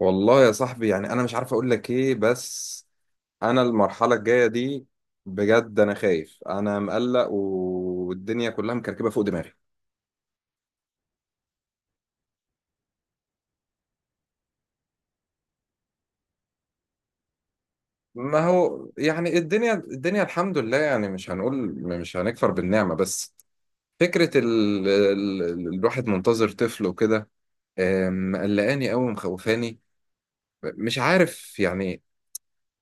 والله يا صاحبي، يعني انا مش عارف اقول لك ايه. بس انا المرحله الجايه دي، بجد انا خايف. انا مقلق والدنيا كلها مكركبه فوق دماغي. ما هو يعني الدنيا الحمد لله، يعني مش هنقول، مش هنكفر بالنعمه. بس فكره الواحد منتظر طفل وكده، مقلقاني قوي، مخوفاني. مش عارف يعني.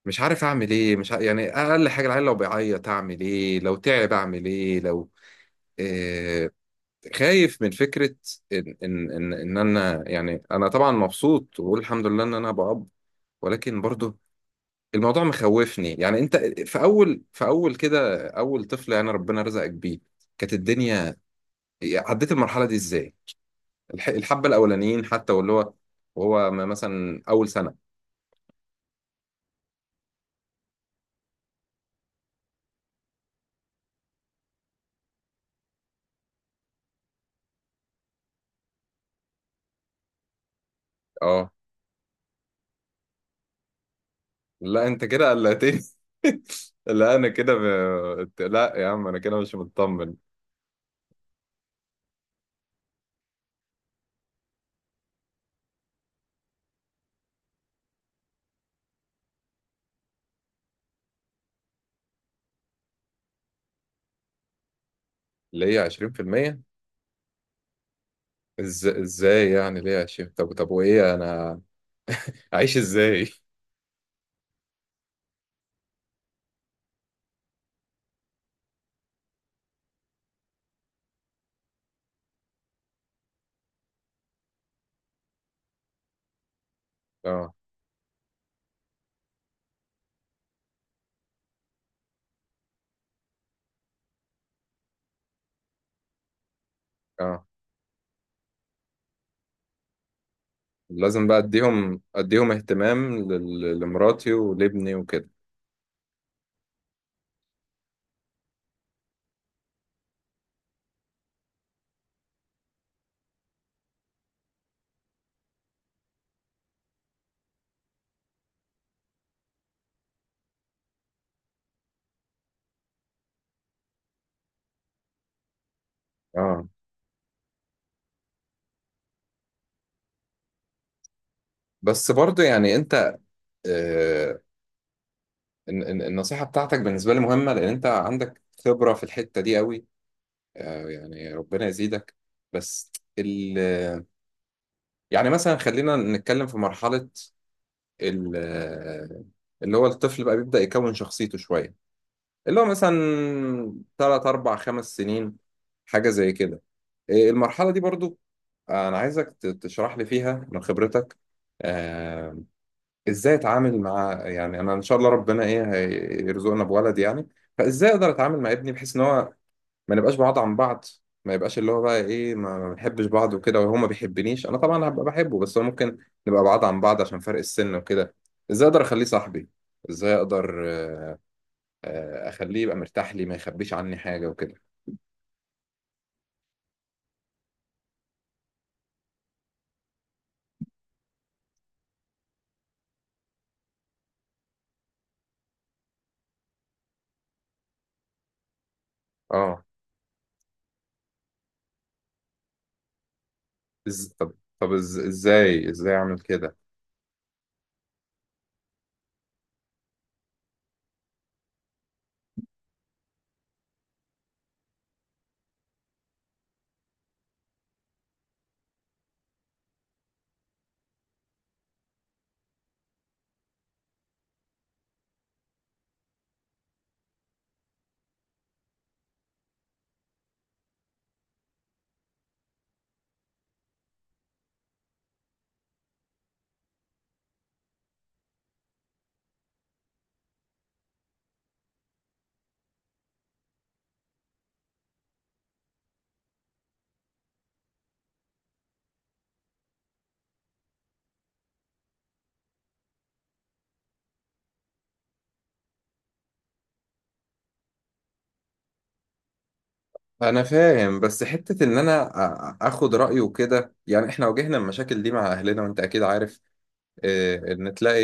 مش عارف اعمل ايه، مش ع... يعني اقل حاجه، العيل لو بيعيط اعمل ايه، لو تعب اعمل ايه، لو آه، خايف من فكرة إن أنا، يعني أنا طبعا مبسوط وبقول الحمد لله إن أنا أبقى أب. ولكن برضه الموضوع مخوفني. يعني أنت في أول كده، أول طفل يعني ربنا رزقك بيه، كانت الدنيا، عديت المرحلة دي إزاي؟ الحبة الأولانيين حتى، واللي هو، مثلا أول سنة. أه. لا أنت كده قلقتني. لا أنا كده ب... لا يا عم أنا كده مش مطمن. اللي هي 20%. ازاي يعني، ليه 20؟ طب وايه انا عايش ازاي؟ اه، اه. لازم بقى اديهم اهتمام لمراتي ولابني وكده. اه، بس برضو يعني انت، آه النصيحة بتاعتك بالنسبة لي مهمة، لان انت عندك خبرة في الحتة دي قوي. آه يعني ربنا يزيدك. بس ال يعني مثلا، خلينا نتكلم في مرحلة، ال اللي هو الطفل بقى بيبدأ يكون شخصيته شوية. اللي هو مثلا تلات أربع خمس سنين، حاجة زي كده. إيه المرحلة دي برضو؟ أنا عايزك تشرح لي فيها من خبرتك. آه، إزاي أتعامل مع، يعني أنا إن شاء الله ربنا إيه هيرزقنا بولد يعني، فإزاي أقدر أتعامل مع ابني بحيث إن هو ما نبقاش بعاد عن بعض. ما يبقاش اللي هو بقى إيه، ما بنحبش بعض وكده، وهو ما بيحبنيش. أنا طبعا هبقى بحبه بس هو ممكن نبقى بعاد عن بعض عشان فرق السن وكده. إزاي أقدر أخليه صاحبي؟ إزاي أقدر أخليه يبقى مرتاح لي ما يخبيش عني حاجة وكده؟ أه. طب، إزاي أعمل كده؟ انا فاهم، بس حتة ان انا اخد رأيه كده، يعني احنا واجهنا المشاكل دي مع اهلنا وانت اكيد عارف. ان تلاقي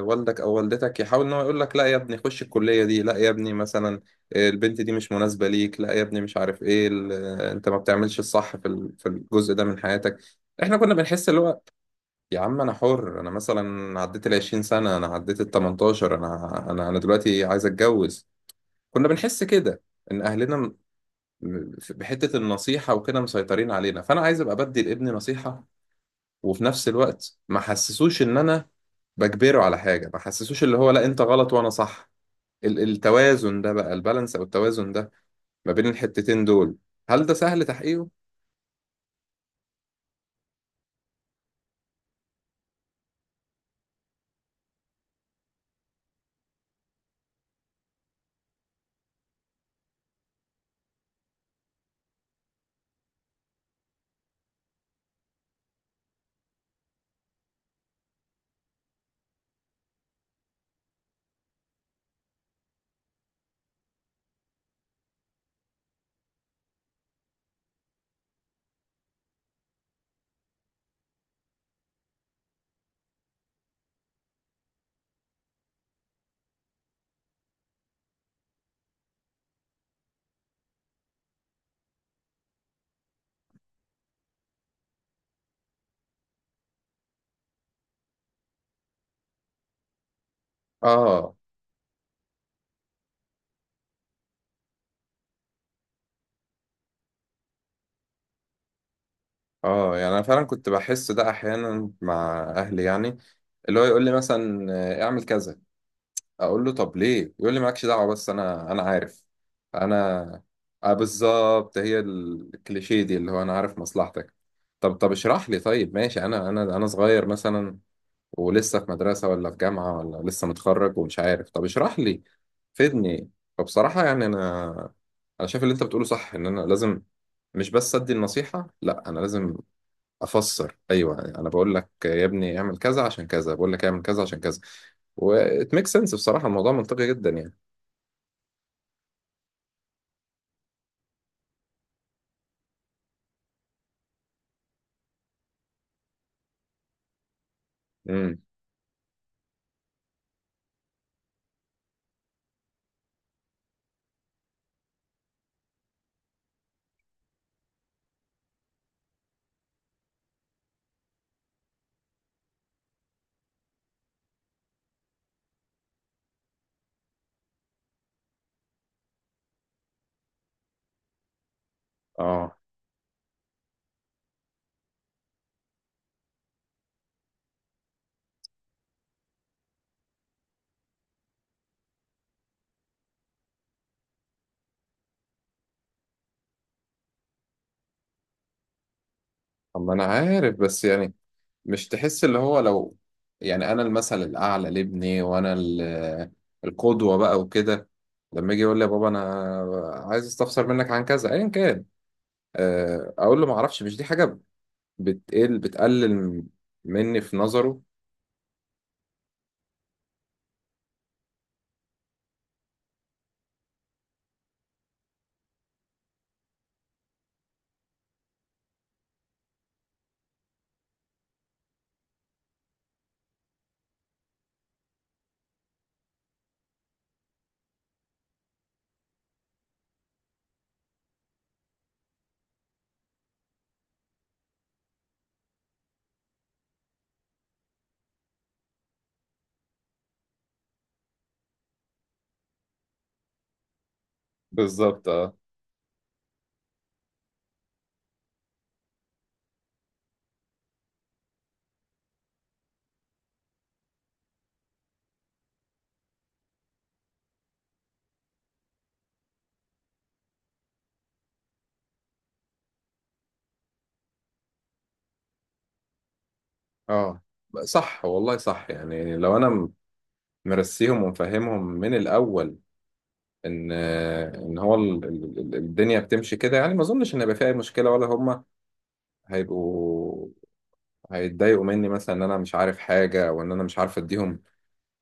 والدك او والدتك يحاول ان هو يقول لك لا يا ابني خش الكلية دي، لا يا ابني مثلا البنت دي مش مناسبة ليك، لا يا ابني مش عارف ايه انت ما بتعملش الصح في الجزء ده من حياتك. احنا كنا بنحس اللي هو يا عم انا حر، انا مثلا عديت ال 20 سنة، انا عديت ال 18، انا دلوقتي عايز اتجوز. كنا بنحس كده ان اهلنا بحتة النصيحة وكده مسيطرين علينا. فأنا عايز أبقى بدي لابني نصيحة، وفي نفس الوقت ما حسسوش إن أنا بجبره على حاجة، ما حسسوش اللي هو لا أنت غلط وأنا صح. التوازن ده بقى، البالانس أو التوازن ده ما بين الحتتين دول، هل ده سهل تحقيقه؟ آه يعني أنا فعلا كنت بحس ده أحيانا مع أهلي، يعني اللي هو يقول لي مثلا اعمل كذا، اقول له طب ليه، يقول لي مالكش دعوه بس انا عارف. انا بالظبط، هي الكليشيه دي اللي هو انا عارف مصلحتك. طب اشرح لي، طيب ماشي، انا انا صغير مثلا، ولسه في مدرسه ولا في جامعه ولا لسه متخرج ومش عارف، طب اشرح لي، فيدني. فبصراحه يعني انا شايف اللي انت بتقوله صح. ان انا لازم مش بس ادي النصيحه، لا انا لازم افسر. ايوه انا بقول لك يا ابني اعمل كذا عشان كذا، بقول لك اعمل كذا عشان كذا. وات ميك سنس، بصراحه الموضوع منطقي جدا يعني. امم اه. اما انا عارف، بس يعني، مش تحس اللي هو لو، يعني انا المثل الاعلى لابني وانا القدوه بقى وكده، لما يجي يقول لي يا بابا انا عايز استفسر منك عن كذا ايا كان، اقول له ما اعرفش، مش دي حاجه بتقلل مني في نظره؟ بالظبط، اه، اه، صح والله صح. يعني لو انا مرسيهم ومفهمهم من الاول ان هو الدنيا بتمشي كده، يعني ما اظنش ان هيبقى فيها اي مشكله، ولا هم هيبقوا هيتضايقوا مني مثلا ان انا مش عارف حاجه، او ان انا مش عارف اديهم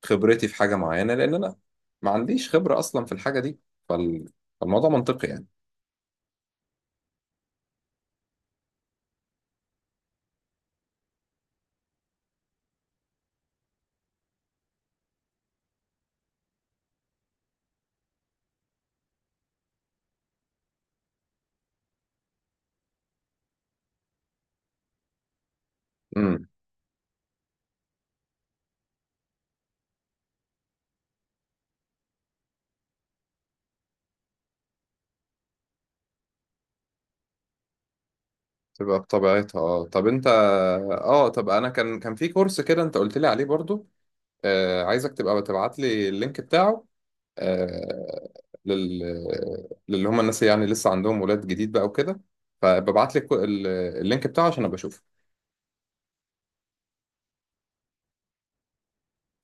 خبرتي في حاجه معينه، لان انا ما عنديش خبره اصلا في الحاجه دي. فال... فالموضوع منطقي يعني. امم تبقى بطبيعتها. اه، طب انت، اه طب انا، كان في كورس كده انت قلت لي عليه برضو، عايزك تبقى تبعت لي اللينك بتاعه، آه، لل للي هم الناس اللي يعني لسه عندهم ولاد جديد بقى وكده، فببعت لك اللينك بتاعه عشان ابقى اشوفه.